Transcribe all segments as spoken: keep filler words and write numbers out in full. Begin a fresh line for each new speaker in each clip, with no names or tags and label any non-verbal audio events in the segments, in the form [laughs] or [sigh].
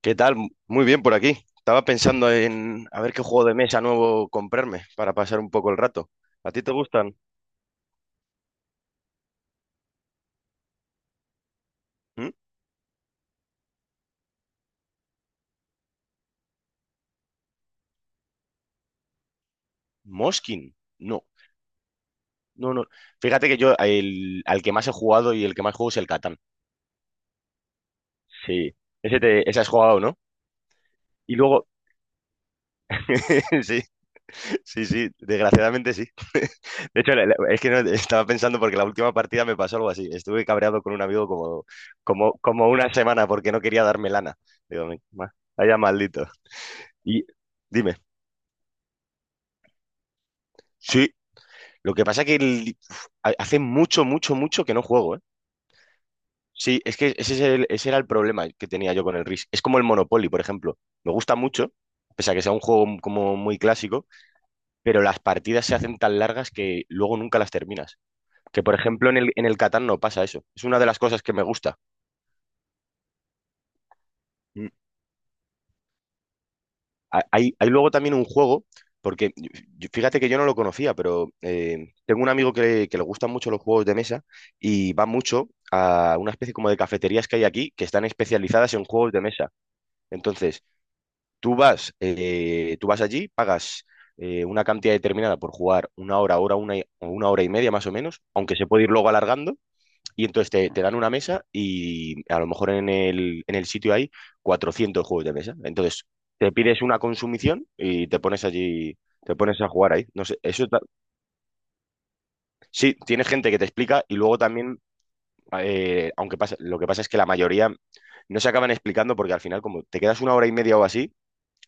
¿Qué tal? Muy bien por aquí. Estaba pensando en a ver qué juego de mesa nuevo comprarme para pasar un poco el rato. ¿A ti te gustan? ¿Mm? ¿Moskin? No, no, no. Fíjate que yo el- al que más he jugado y el que más juego es el Catán. Sí, ese, te, ese has jugado, ¿no? Y luego, [laughs] sí, sí, sí, desgraciadamente sí. [laughs] De hecho, la- la- es que no, estaba pensando porque la última partida me pasó algo así. Estuve cabreado con un amigo como, como, como una semana porque no quería darme lana. Digo, "Me- ma- vaya maldito. Y dime. Sí, lo que pasa que el- ha- hace mucho, mucho, mucho que no juego, ¿eh? Sí, es que ese, es el- ese era el problema que tenía yo con el Risk. Es como el Monopoly, por ejemplo. Me gusta mucho, pese a que sea un juego como muy clásico, pero las partidas se hacen tan largas que luego nunca las terminas. Que, por ejemplo, en el, en el Catán no pasa eso. Es una de las cosas que me gusta. Mm. Hay, hay luego también un juego, porque yo- yo- fíjate que yo no lo conocía, pero eh, tengo un amigo que, le- que le gustan mucho los juegos de mesa y va mucho a una especie como de cafeterías que hay aquí que están especializadas en juegos de mesa. Entonces, tú vas, eh, tú vas allí, pagas eh, una cantidad determinada por jugar una hora, hora, una, y- o una hora y media más o menos, aunque se puede ir luego alargando. Y entonces te, te dan una mesa y a lo mejor en el, en el sitio hay cuatrocientos juegos de mesa. Entonces te pides una consumición y te pones allí, te pones a jugar ahí. No sé, eso ta- sí, tiene gente que te explica y luego también, eh, aunque pasa, lo que pasa es que la mayoría no se acaban explicando porque al final como te quedas una hora y media o así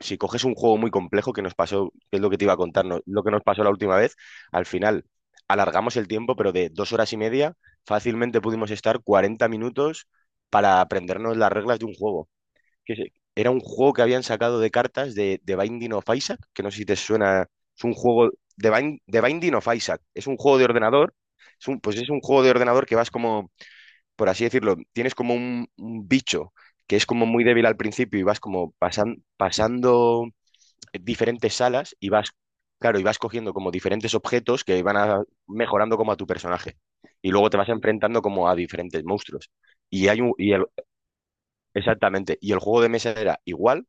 si coges un juego muy complejo que nos pasó, que es lo que te iba a contar, no- lo que nos pasó la última vez, al final alargamos el tiempo, pero de dos horas y media fácilmente pudimos estar cuarenta minutos para aprendernos las reglas de un juego. Que se- era un juego que habían sacado de cartas de, de Binding of Isaac, que no sé si te suena, es un juego de Bind- de Binding of Isaac, es un juego de ordenador, es un, pues es un juego de ordenador que vas como, por así decirlo, tienes como un un bicho que es como muy débil al principio y vas como pasan- pasando diferentes salas y vas, claro, y vas cogiendo como diferentes objetos que van a- mejorando como a tu personaje. Y luego te vas enfrentando como a diferentes monstruos. Y hay un, y el- exactamente, y el juego de mesa era igual,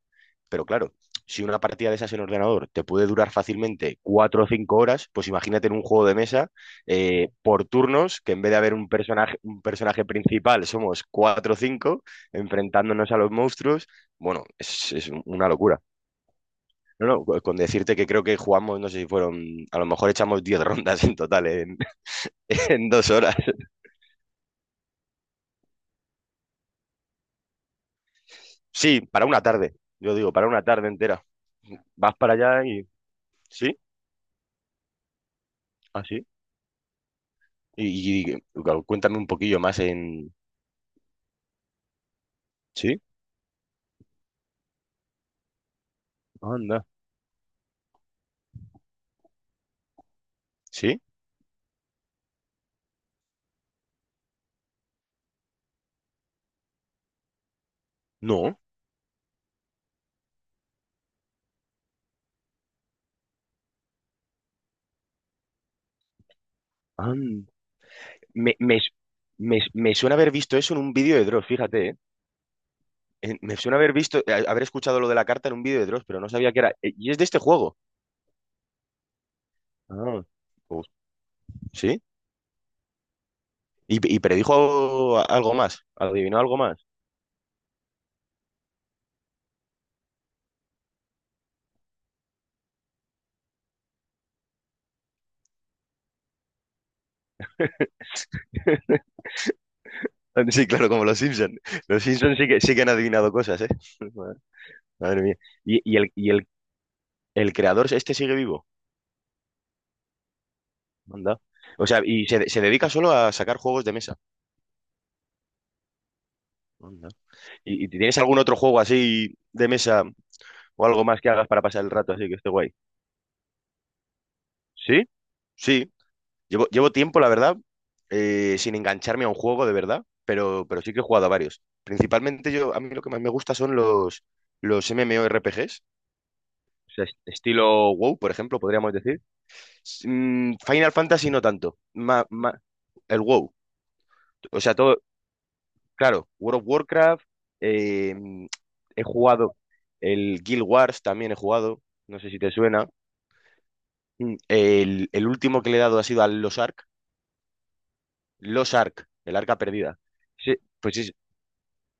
pero claro, si una partida de esas en ordenador te puede durar fácilmente cuatro o cinco horas, pues imagínate en un juego de mesa eh, por turnos, que en vez de haber un personaje, un personaje principal, somos cuatro o cinco, enfrentándonos a los monstruos. Bueno, es es una locura. No, no, co- con decirte que creo que jugamos, no sé si fueron, a lo mejor echamos diez [laughs] rondas en total en, [laughs] en dos horas. Sí, para una tarde, yo digo, para una tarde entera. Vas para allá y... Sí, así. Y, y- claro, cuéntame un poquillo más en... Sí, anda. Sí, no. an- Me, me, me, me suena haber visto eso en un vídeo de Dross, fíjate, ¿eh? En- Me suena haber visto, a- haber escuchado lo de la carta en un vídeo de Dross, pero no sabía que era... eh, Y es de este juego. Ah, pues, ¿sí? Y, y predijo algo más, adivinó algo más. [laughs] Sí, claro, como los Simpson. Los Simpson sí que, sí que han adivinado cosas, ¿eh? [laughs] Madre mía. Y, y el, y el, el creador este sigue vivo. Anda. O sea, y se, se dedica solo a sacar juegos de mesa. Anda. ¿Y, y si tienes algún otro juego así de mesa o algo más que hagas para pasar el rato así que esté guay? ¿Sí? Sí. Llevo, llevo tiempo, la verdad, eh, sin engancharme a un juego de verdad, pero, pero sí que he jugado a varios. Principalmente yo, a mí lo que más me gusta son los, los M M O R P Gs, o sea, est- estilo WoW, por ejemplo, podríamos decir. S- mm, Final Fantasy no tanto, ma- ma- el WoW, o sea, todo, claro, World of Warcraft, eh, mm, he jugado el Guild Wars, también he jugado, no sé si te suena. Mm, El, el último que le he dado ha sido al Los Ark, Los Ark, el Arca Perdida. Sí, pues es,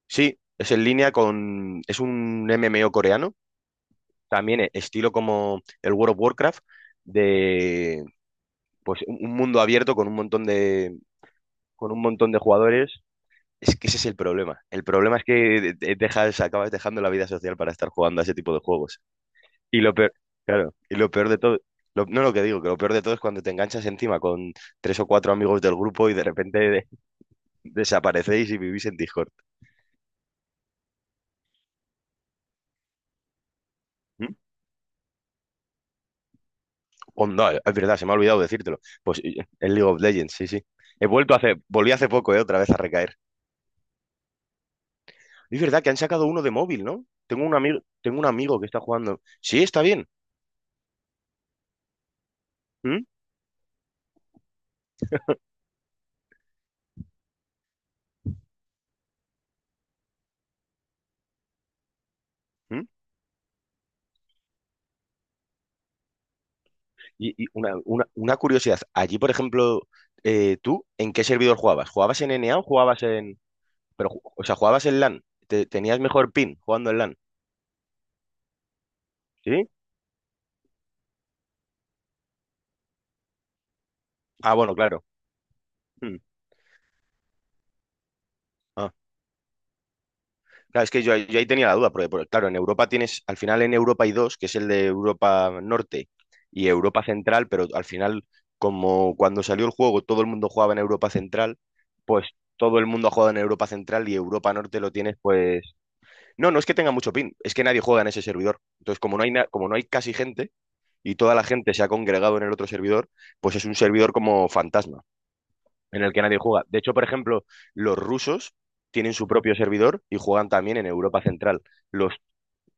Sí, es en línea con... Es un M M O coreano, también e- estilo como el World of Warcraft, de pues un un mundo abierto con un montón de, con un montón de jugadores. Es que ese es el problema. El problema es que de- de- dejas, acabas dejando la vida social para estar jugando a ese tipo de juegos. Y lo peor, claro, y lo peor de todo, lo- no lo que digo, que lo peor de todo es cuando te enganchas encima con tres o cuatro amigos del grupo y de repente de- [laughs] desaparecéis y vivís en Discord. Onda, es verdad, se me ha olvidado decírtelo. Pues y- es League of Legends, sí, sí. He vuelto hace, volví hace poco, eh, otra vez a recaer. Es verdad que han sacado uno de móvil, ¿no? Tengo un amigo, tengo un amigo que está jugando. Sí, está bien. ¿Mm? ¿Mm? Y, y una, una- una curiosidad. Allí, por ejemplo, eh, ¿tú en qué servidor jugabas? ¿Jugabas en N NA o jugabas en...? Pero, ju- o sea, ¿jugabas en LAN? ¿Te- ¿Tenías mejor pin jugando en LAN? ¿Sí? Ah, bueno, claro. Mm. Claro, es que yo, yo ahí tenía la duda, porque, porque, claro, en Europa tienes, al final en Europa hay dos, que es el de Europa Norte y Europa Central, pero al final, como cuando salió el juego todo el mundo jugaba en Europa Central, pues todo el mundo ha jugado en Europa Central y Europa Norte lo tienes, pues... No, no es que tenga mucho pin, es que nadie juega en ese servidor. Entonces, como no hay, na- como no hay casi gente y toda la gente se ha congregado en el otro servidor, pues es un servidor como fantasma en el que nadie juega. De hecho, por ejemplo, los rusos tienen su propio servidor y juegan también en Europa Central. Los,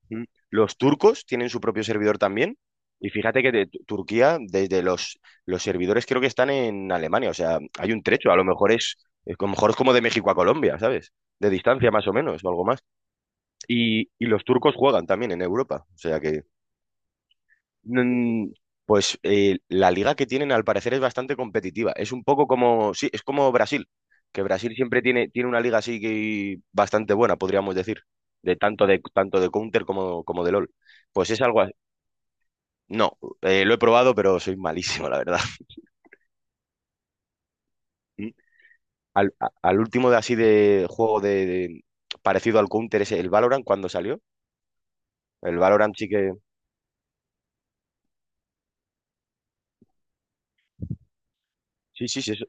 mm, los turcos tienen su propio servidor también. Y fíjate que de Tu- Turquía, desde los, los servidores creo que están en Alemania. O sea, hay un trecho. A lo mejor es, es- a lo mejor es como de México a Colombia, ¿sabes? De distancia más o menos, o algo más. Y, y los turcos juegan también en Europa. O sea que Mm, Pues eh, la liga que tienen al parecer es bastante competitiva. Es un poco como, sí, es como Brasil, que Brasil siempre tiene, tiene, una liga así que bastante buena, podríamos decir, de tanto de tanto de Counter como, como de LOL. Pues es algo así. No, eh, lo he probado, pero soy malísimo, la verdad. [laughs] Mm. Al, a- al último de así de juego de, de- parecido al Counter es el Valorant cuando salió. El Valorant sí que. Sí, sí, sí, eso-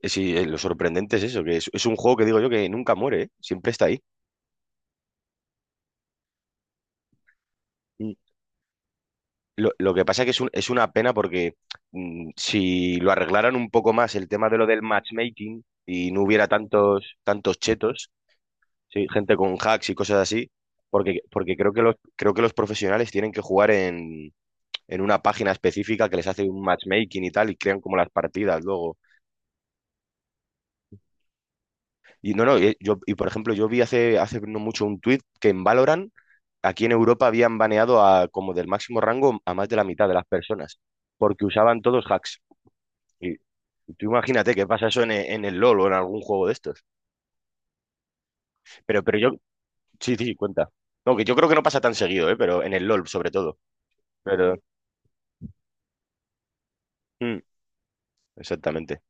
eh, sí, eh, lo sorprendente es eso, que es, es un juego que digo yo que nunca muere, ¿eh? Siempre está ahí. Mm, Lo, lo que pasa es que es, un- es una pena porque mm, si lo arreglaran un poco más el tema de lo del matchmaking y no hubiera tantos, tantos chetos, sí, gente con hacks y cosas así, porque, porque creo que los, creo que los profesionales tienen que jugar en, en una página específica que les hace un matchmaking y tal y crean como las partidas luego. Y no, no, eh, yo, y por ejemplo, yo vi hace, hace no mucho un tuit que en Valorant aquí en Europa habían baneado a como del máximo rango a más de la mitad de las personas porque usaban todos hacks. Y, y tú imagínate que pasa eso en, e- en el LOL o en algún juego de estos. Pero, pero yo, sí, sí, cuenta. No, que yo creo que no pasa tan seguido, ¿eh? Pero en el LOL sobre todo. Pero, mm, exactamente.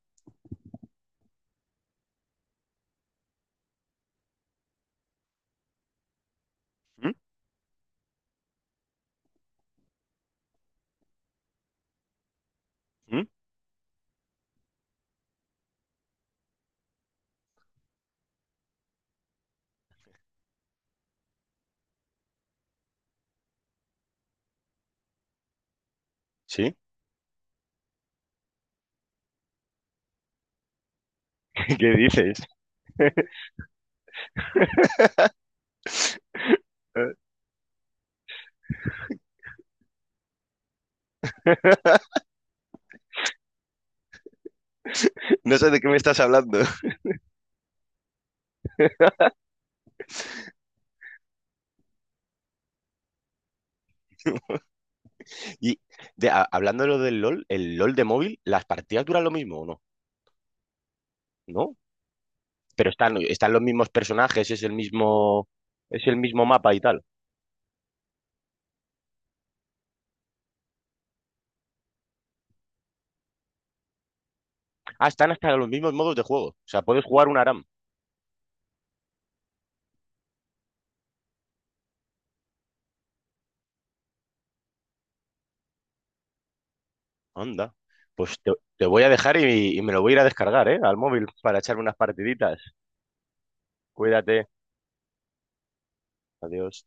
¿Mm? ¿Mm? ¿Sí? [laughs] ¿Qué dices? [laughs] No sé de qué me estás hablando. Y de, a- hablando de lo del LOL, el LOL de móvil, ¿las partidas duran lo mismo o no? ¿No? Pero están, están los mismos personajes, es el mismo, es el mismo, mapa y tal. Ah, están hasta los mismos modos de juego. O sea, puedes jugar una. Anda. Pues te, te voy a dejar y, y me lo voy a ir a descargar, ¿eh? Al móvil para echarme unas partiditas. Cuídate. Adiós.